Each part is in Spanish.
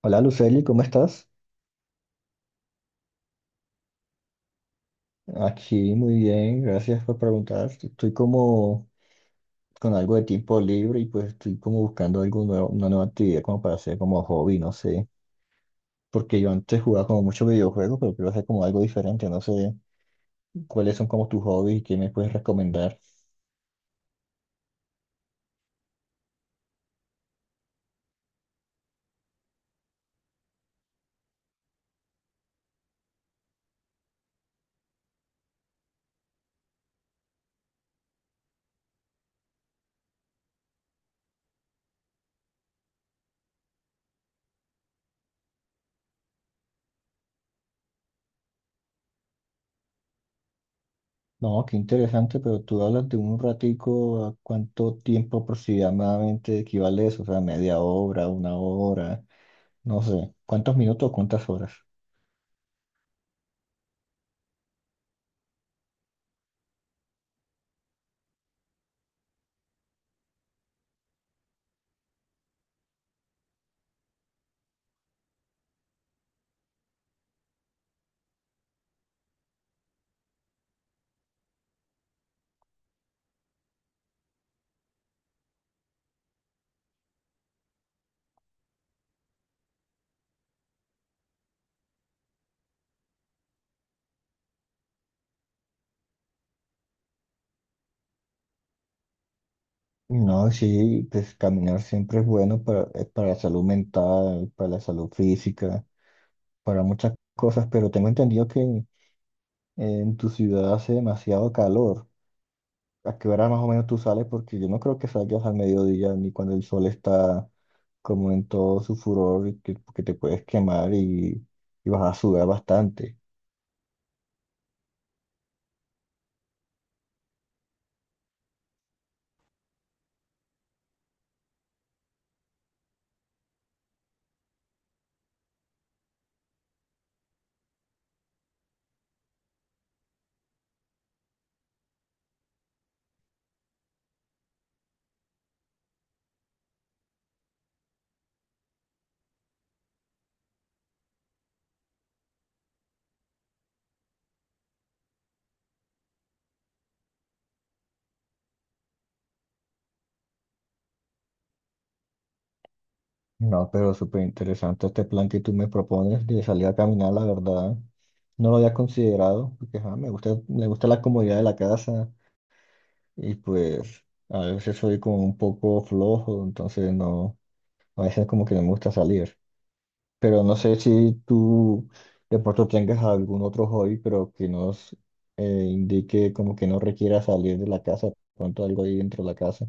Hola Luceli, ¿cómo estás? Aquí muy bien, gracias por preguntar. Estoy como con algo de tiempo libre y pues estoy como buscando algo nuevo, una nueva actividad como para hacer como hobby, no sé. Porque yo antes jugaba como muchos videojuegos, pero quiero hacer como algo diferente, no sé cuáles son como tus hobbies y qué me puedes recomendar. No, qué interesante, pero tú hablas de un ratico, ¿a cuánto tiempo aproximadamente equivale eso? O sea, media hora, una hora, no sé. ¿Cuántos minutos, cuántas horas? No, sí, pues caminar siempre es bueno para la salud mental, para la salud física, para muchas cosas, pero tengo entendido que en tu ciudad hace demasiado calor. ¿A qué hora más o menos tú sales? Porque yo no creo que salgas al mediodía ni cuando el sol está como en todo su furor y que te puedes quemar y vas a sudar bastante. No, pero súper interesante este plan que tú me propones de salir a caminar, la verdad. No lo había considerado, porque ajá, me gusta la comodidad de la casa, y pues a veces soy como un poco flojo, entonces no, a veces como que no me gusta salir. Pero no sé si tú de pronto tengas algún otro hobby, pero que nos eh, indique como que no requiera salir de la casa, pronto algo ahí dentro de la casa.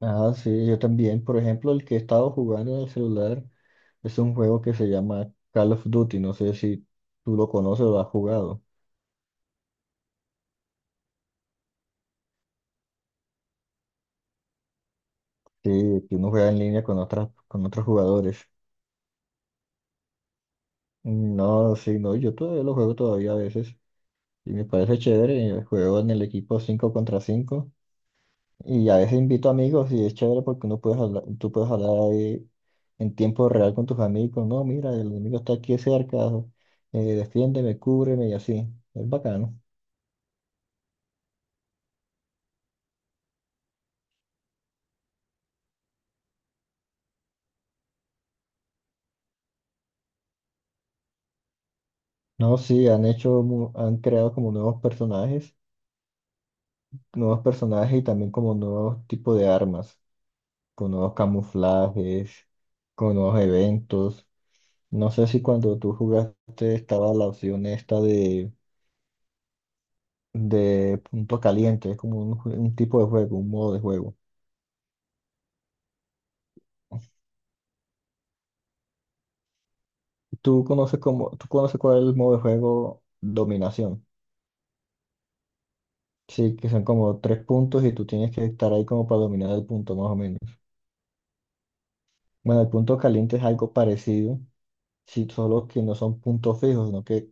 Ah, sí, yo también, por ejemplo, el que he estado jugando en el celular es un juego que se llama Call of Duty, no sé si tú lo conoces o lo has jugado, sí que uno juega en línea con otros jugadores. Mm, no, sí, no, yo todavía lo juego todavía a veces y me parece chévere. Juego en el equipo 5 contra 5 y a veces invito amigos y es chévere porque tú puedes hablar ahí en tiempo real con tus amigos. No, mira, el enemigo está aquí cerca, defiéndeme, cúbreme y así. Es bacano. No, sí, han hecho, han creado como nuevos personajes y también como nuevos tipos de armas, con nuevos camuflajes, con nuevos eventos. No sé si cuando tú jugaste estaba la opción esta de punto caliente, es como un tipo de juego, un modo de juego. ¿Tú conoces como, tú conoces cuál es el modo de juego dominación? Sí, que son como tres puntos y tú tienes que estar ahí como para dominar el punto más o menos. Bueno, el punto caliente es algo parecido, sí, solo que no son puntos fijos, sino que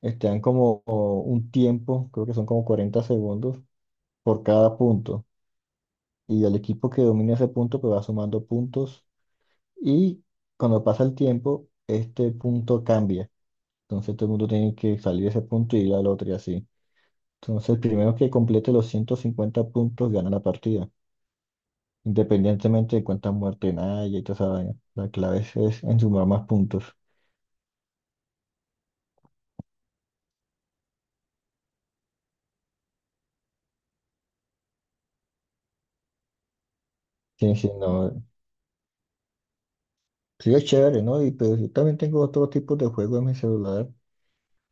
están como un tiempo, creo que son como 40 segundos por cada punto. Y el equipo que domina ese punto pues va sumando puntos. Y cuando pasa el tiempo, este punto cambia. Entonces todo el mundo tiene que salir de ese punto y ir al otro y así. Entonces el primero que complete los 150 puntos gana la partida, independientemente de cuántas muertes haya y toda esa vaina. La clave es en sumar más puntos. Sí, sí, no, sí es chévere, ¿no? Y pero yo también tengo otro tipo de juego en mi celular.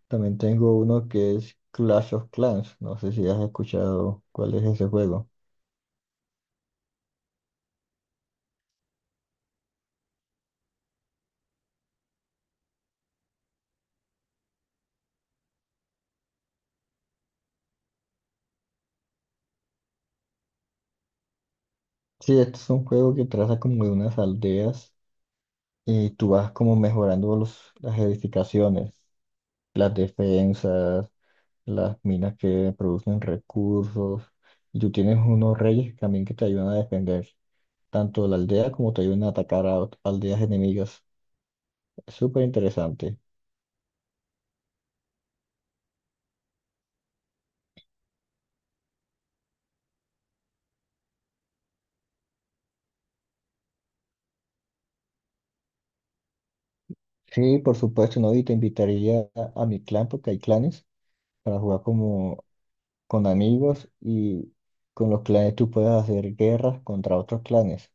También tengo uno que es Clash of Clans. No sé si has escuchado cuál es ese juego. Sí, este es un juego que trata como de unas aldeas y tú vas como mejorando las edificaciones, las defensas, las minas que producen recursos, y tú tienes unos reyes también que te ayudan a defender tanto la aldea como te ayudan a atacar a aldeas enemigas. Es súper interesante. Sí, por supuesto, ¿no? Y te invitaría a mi clan porque hay clanes para jugar como con amigos y con los clanes tú puedes hacer guerras contra otros clanes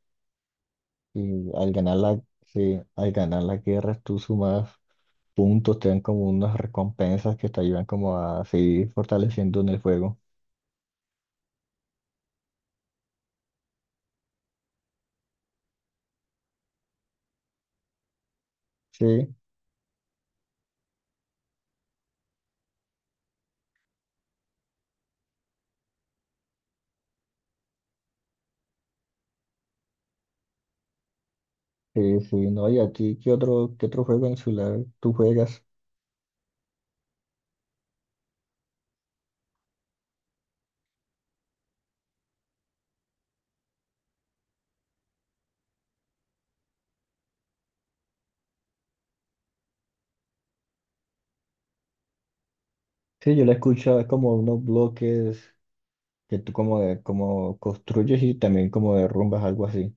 y sí, al ganar las guerras tú sumas puntos, te dan como unas recompensas que te ayudan como a seguir fortaleciendo en el juego. Sí, sí, sí, no, y a ti, ¿qué otro juego en el celular tú juegas? Sí, yo le escucho, es como unos bloques que tú como, como construyes y también como derrumbas, algo así.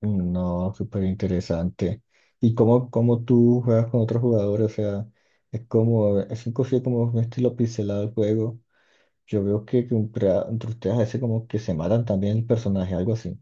Mm, no, súper interesante. ¿Y cómo tú juegas con otros jugadores? O sea, es un como un estilo pixelado el juego. Yo veo que entre ustedes a veces como que se matan también el personaje, algo así.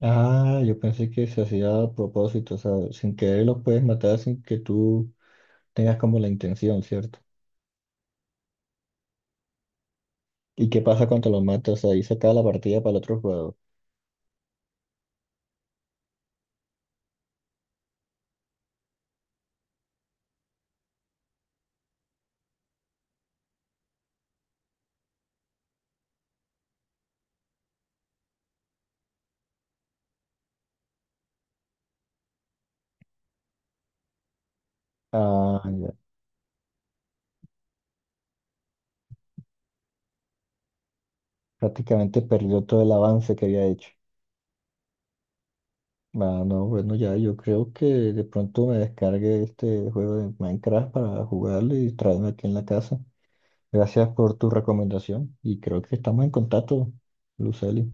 Ah, yo pensé que se hacía a propósito, o sea, sin querer los puedes matar sin que tú tengas como la intención, ¿cierto? ¿Y qué pasa cuando los matas? Ahí se acaba la partida para el otro jugador. Ah, ya. Prácticamente perdió todo el avance que había hecho. Ah, no, bueno, ya, yo creo que de pronto me descargue este juego de Minecraft para jugarlo y traerme aquí en la casa. Gracias por tu recomendación y creo que estamos en contacto, Luceli.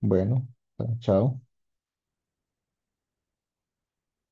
Bueno, ah, chao.